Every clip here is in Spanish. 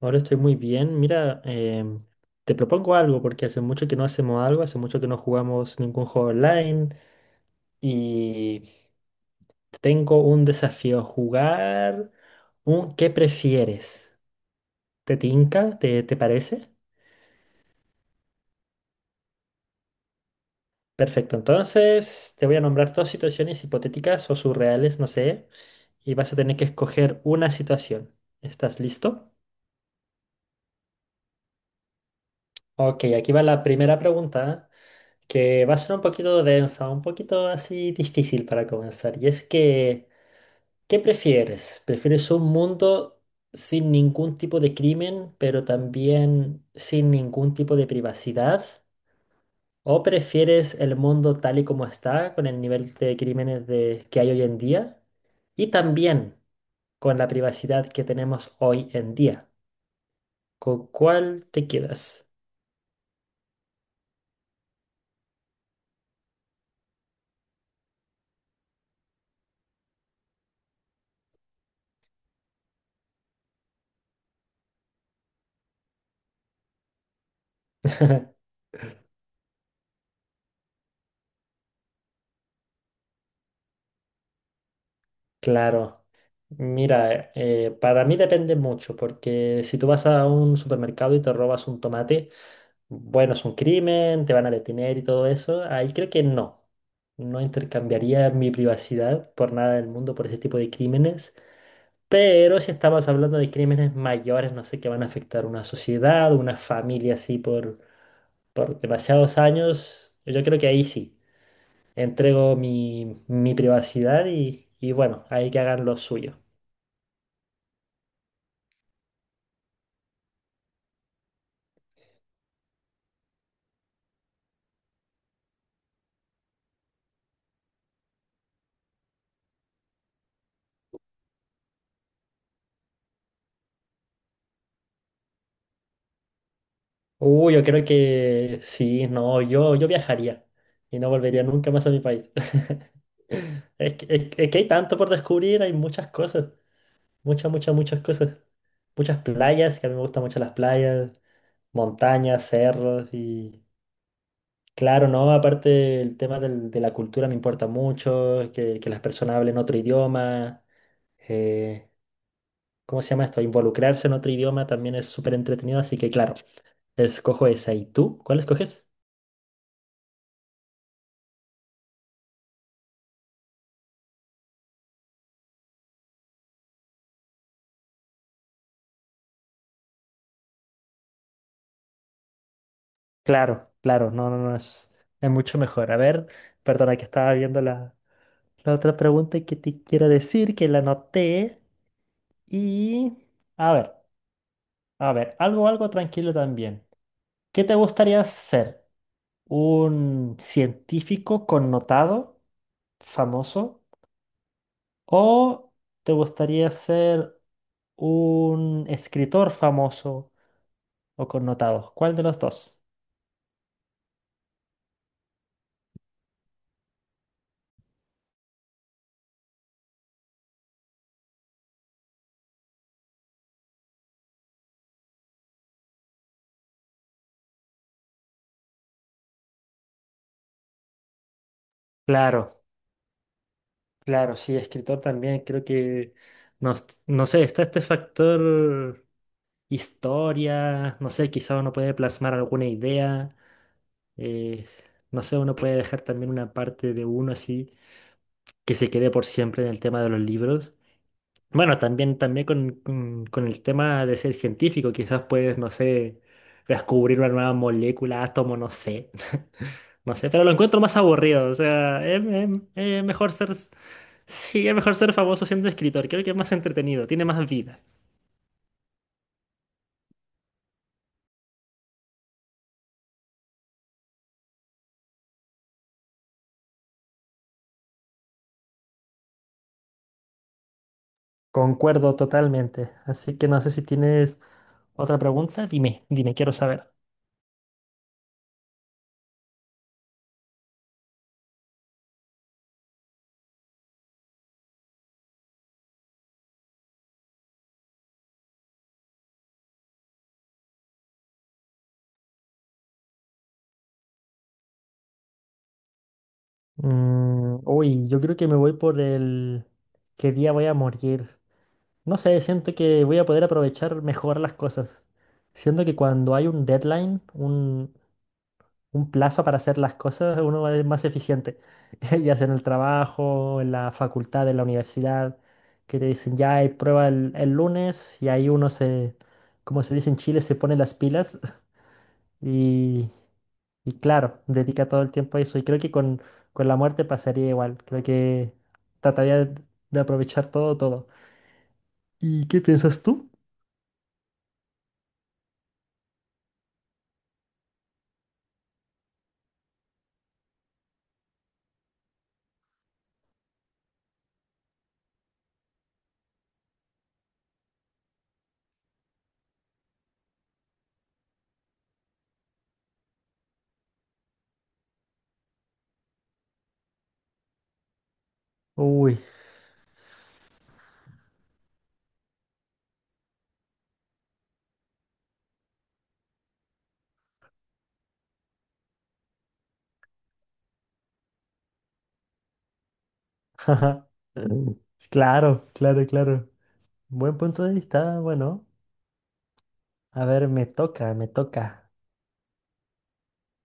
Ahora estoy muy bien. Mira, te propongo algo porque hace mucho que no hacemos algo, hace mucho que no jugamos ningún juego online y tengo un desafío, jugar un ¿qué prefieres? ¿Te tinca? ¿Te parece? Perfecto, entonces te voy a nombrar dos situaciones hipotéticas o surreales, no sé, y vas a tener que escoger una situación. ¿Estás listo? Ok, aquí va la primera pregunta, que va a ser un poquito densa, un poquito así difícil para comenzar. Y es que, ¿qué prefieres? ¿Prefieres un mundo sin ningún tipo de crimen, pero también sin ningún tipo de privacidad? ¿O prefieres el mundo tal y como está, con el nivel de que hay hoy en día? Y también con la privacidad que tenemos hoy en día. ¿Con cuál te quedas? Claro. Mira, para mí depende mucho, porque si tú vas a un supermercado y te robas un tomate, bueno, es un crimen, te van a detener y todo eso. Ahí creo que no. No intercambiaría mi privacidad por nada del mundo por ese tipo de crímenes. Pero si estamos hablando de crímenes mayores, no sé, que van a afectar una sociedad, una familia así por demasiados años, yo creo que ahí sí. Entrego mi privacidad y bueno, ahí que hagan lo suyo. Yo creo que sí, no, yo viajaría y no volvería nunca más a mi país. Es que es que hay tanto por descubrir, hay muchas cosas, muchas cosas. Muchas playas, que a mí me gustan mucho las playas, montañas, cerros y... Claro, ¿no? Aparte el tema de la cultura me importa mucho, que las personas hablen otro idioma, eh, ¿cómo se llama esto? Involucrarse en otro idioma también es súper entretenido, así que claro, escojo esa. ¿Y tú? ¿Cuál escoges? Claro, claro, no, no, no, es mucho mejor. A ver, perdona que estaba viendo la otra pregunta que te quiero decir, que la anoté. Y, a ver, a ver, algo tranquilo también. ¿Qué te gustaría ser? ¿Un científico connotado, famoso? ¿O te gustaría ser un escritor famoso o connotado? ¿Cuál de los dos? Claro. Claro, sí, escritor también, no, no sé, está este factor historia, no sé, quizá uno puede plasmar alguna idea, eh, no sé, uno puede dejar también una parte de uno así que se quede por siempre en el tema de los libros. Bueno, también, también con el tema de ser científico, quizás puedes, no sé, descubrir una nueva molécula, átomo, no sé. No sé, pero lo encuentro más aburrido. O sea, es mejor ser. Sí, es mejor ser famoso siendo escritor. Creo que es más entretenido, tiene más vida. Concuerdo totalmente. Así que no sé si tienes otra pregunta. Dime, dime, quiero saber. Mm, uy, yo creo que me voy por el qué día voy a morir. No sé, siento que voy a poder aprovechar mejor las cosas. Siento que cuando hay un deadline, un plazo para hacer las cosas, uno es más eficiente. Ya sea en el trabajo, en la facultad, en la universidad, que te dicen ya hay prueba el lunes y ahí uno se, como se dice en Chile, se pone las pilas y, y claro, dedica todo el tiempo a eso. Y creo que con la muerte pasaría igual. Creo que trataría de, de aprovechar todo, todo. ¿Y qué piensas tú? Uy, jaja. Claro, claro, claro. Buen punto de vista, bueno. A ver, me toca, me toca.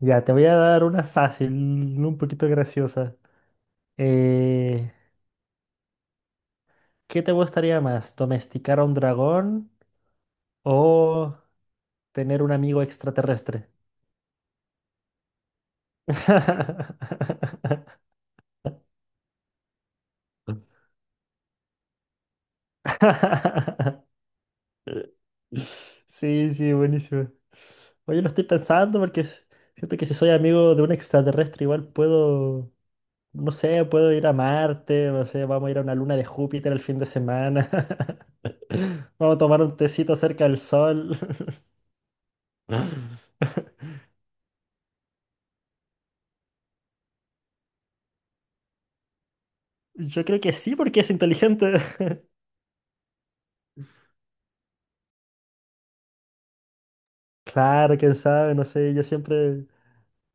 Ya, te voy a dar una fácil, un poquito graciosa. Eh, ¿Qué te gustaría más? ¿Domesticar a un dragón o tener un amigo extraterrestre? Sí, sí, buenísimo. Oye, lo estoy pensando porque siento que si soy amigo de un extraterrestre, igual puedo, no sé, puedo ir a Marte, no sé, vamos a ir a una luna de Júpiter el fin de semana. Vamos a tomar un tecito cerca del sol. Yo creo que sí, porque es inteligente. Claro, quién sabe, no sé. Yo siempre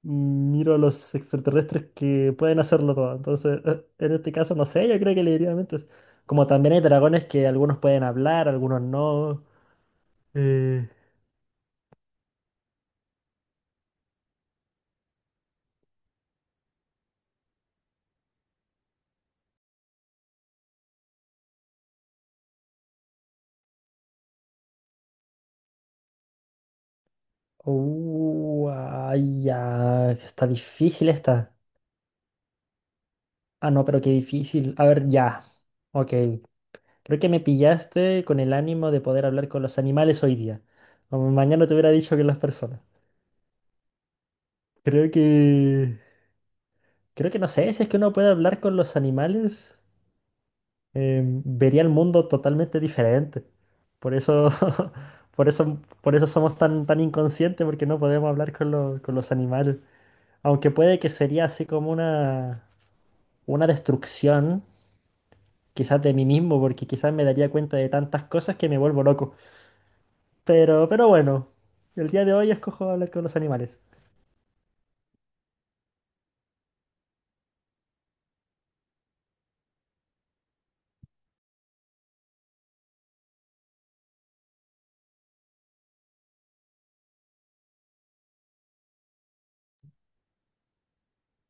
miro a los extraterrestres que pueden hacerlo todo. Entonces, en este caso, no sé, yo creo que le diría mentes. Como también hay dragones que algunos pueden hablar, algunos no. Eh, ay, ya. Está difícil esta. Ah, no, pero qué difícil. A ver, ya. Ok. Creo que me pillaste con el ánimo de poder hablar con los animales hoy día. O mañana te hubiera dicho que las personas. Creo que... Creo que no sé, si es que uno puede hablar con los animales, vería el mundo totalmente diferente. Por eso, por eso somos tan, tan inconscientes, porque no podemos hablar con los animales. Aunque puede que sería así como una destrucción, quizás de mí mismo, porque quizás me daría cuenta de tantas cosas que me vuelvo loco. Pero bueno, el día de hoy escojo hablar con los animales.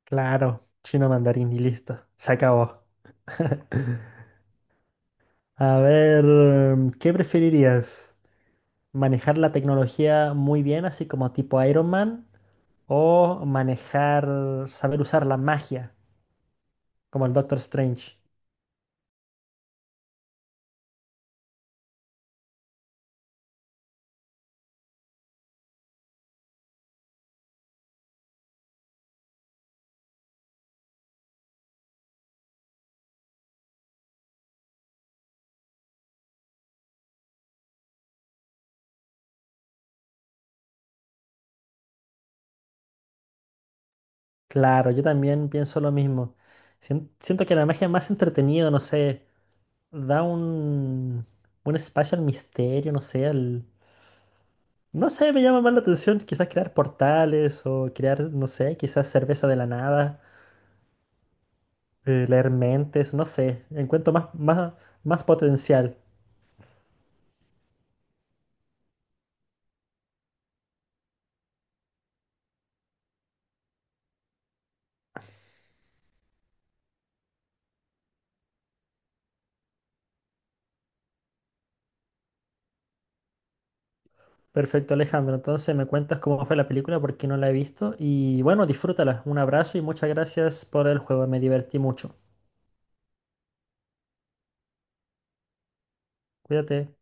Claro, chino mandarín y listo, se acabó. A ver, ¿qué preferirías? ¿Manejar la tecnología muy bien, así como tipo Iron Man? ¿O manejar, saber usar la magia, como el Doctor Strange? Claro, yo también pienso lo mismo. Siento que la magia es más entretenida, no sé, da un espacio al misterio, no sé, no sé, me llama más la atención quizás crear portales o crear, no sé, quizás cerveza de la nada, leer mentes, no sé. Encuentro más potencial. Perfecto, Alejandro. Entonces me cuentas cómo fue la película porque no la he visto. Y bueno, disfrútala. Un abrazo y muchas gracias por el juego. Me divertí mucho. Cuídate.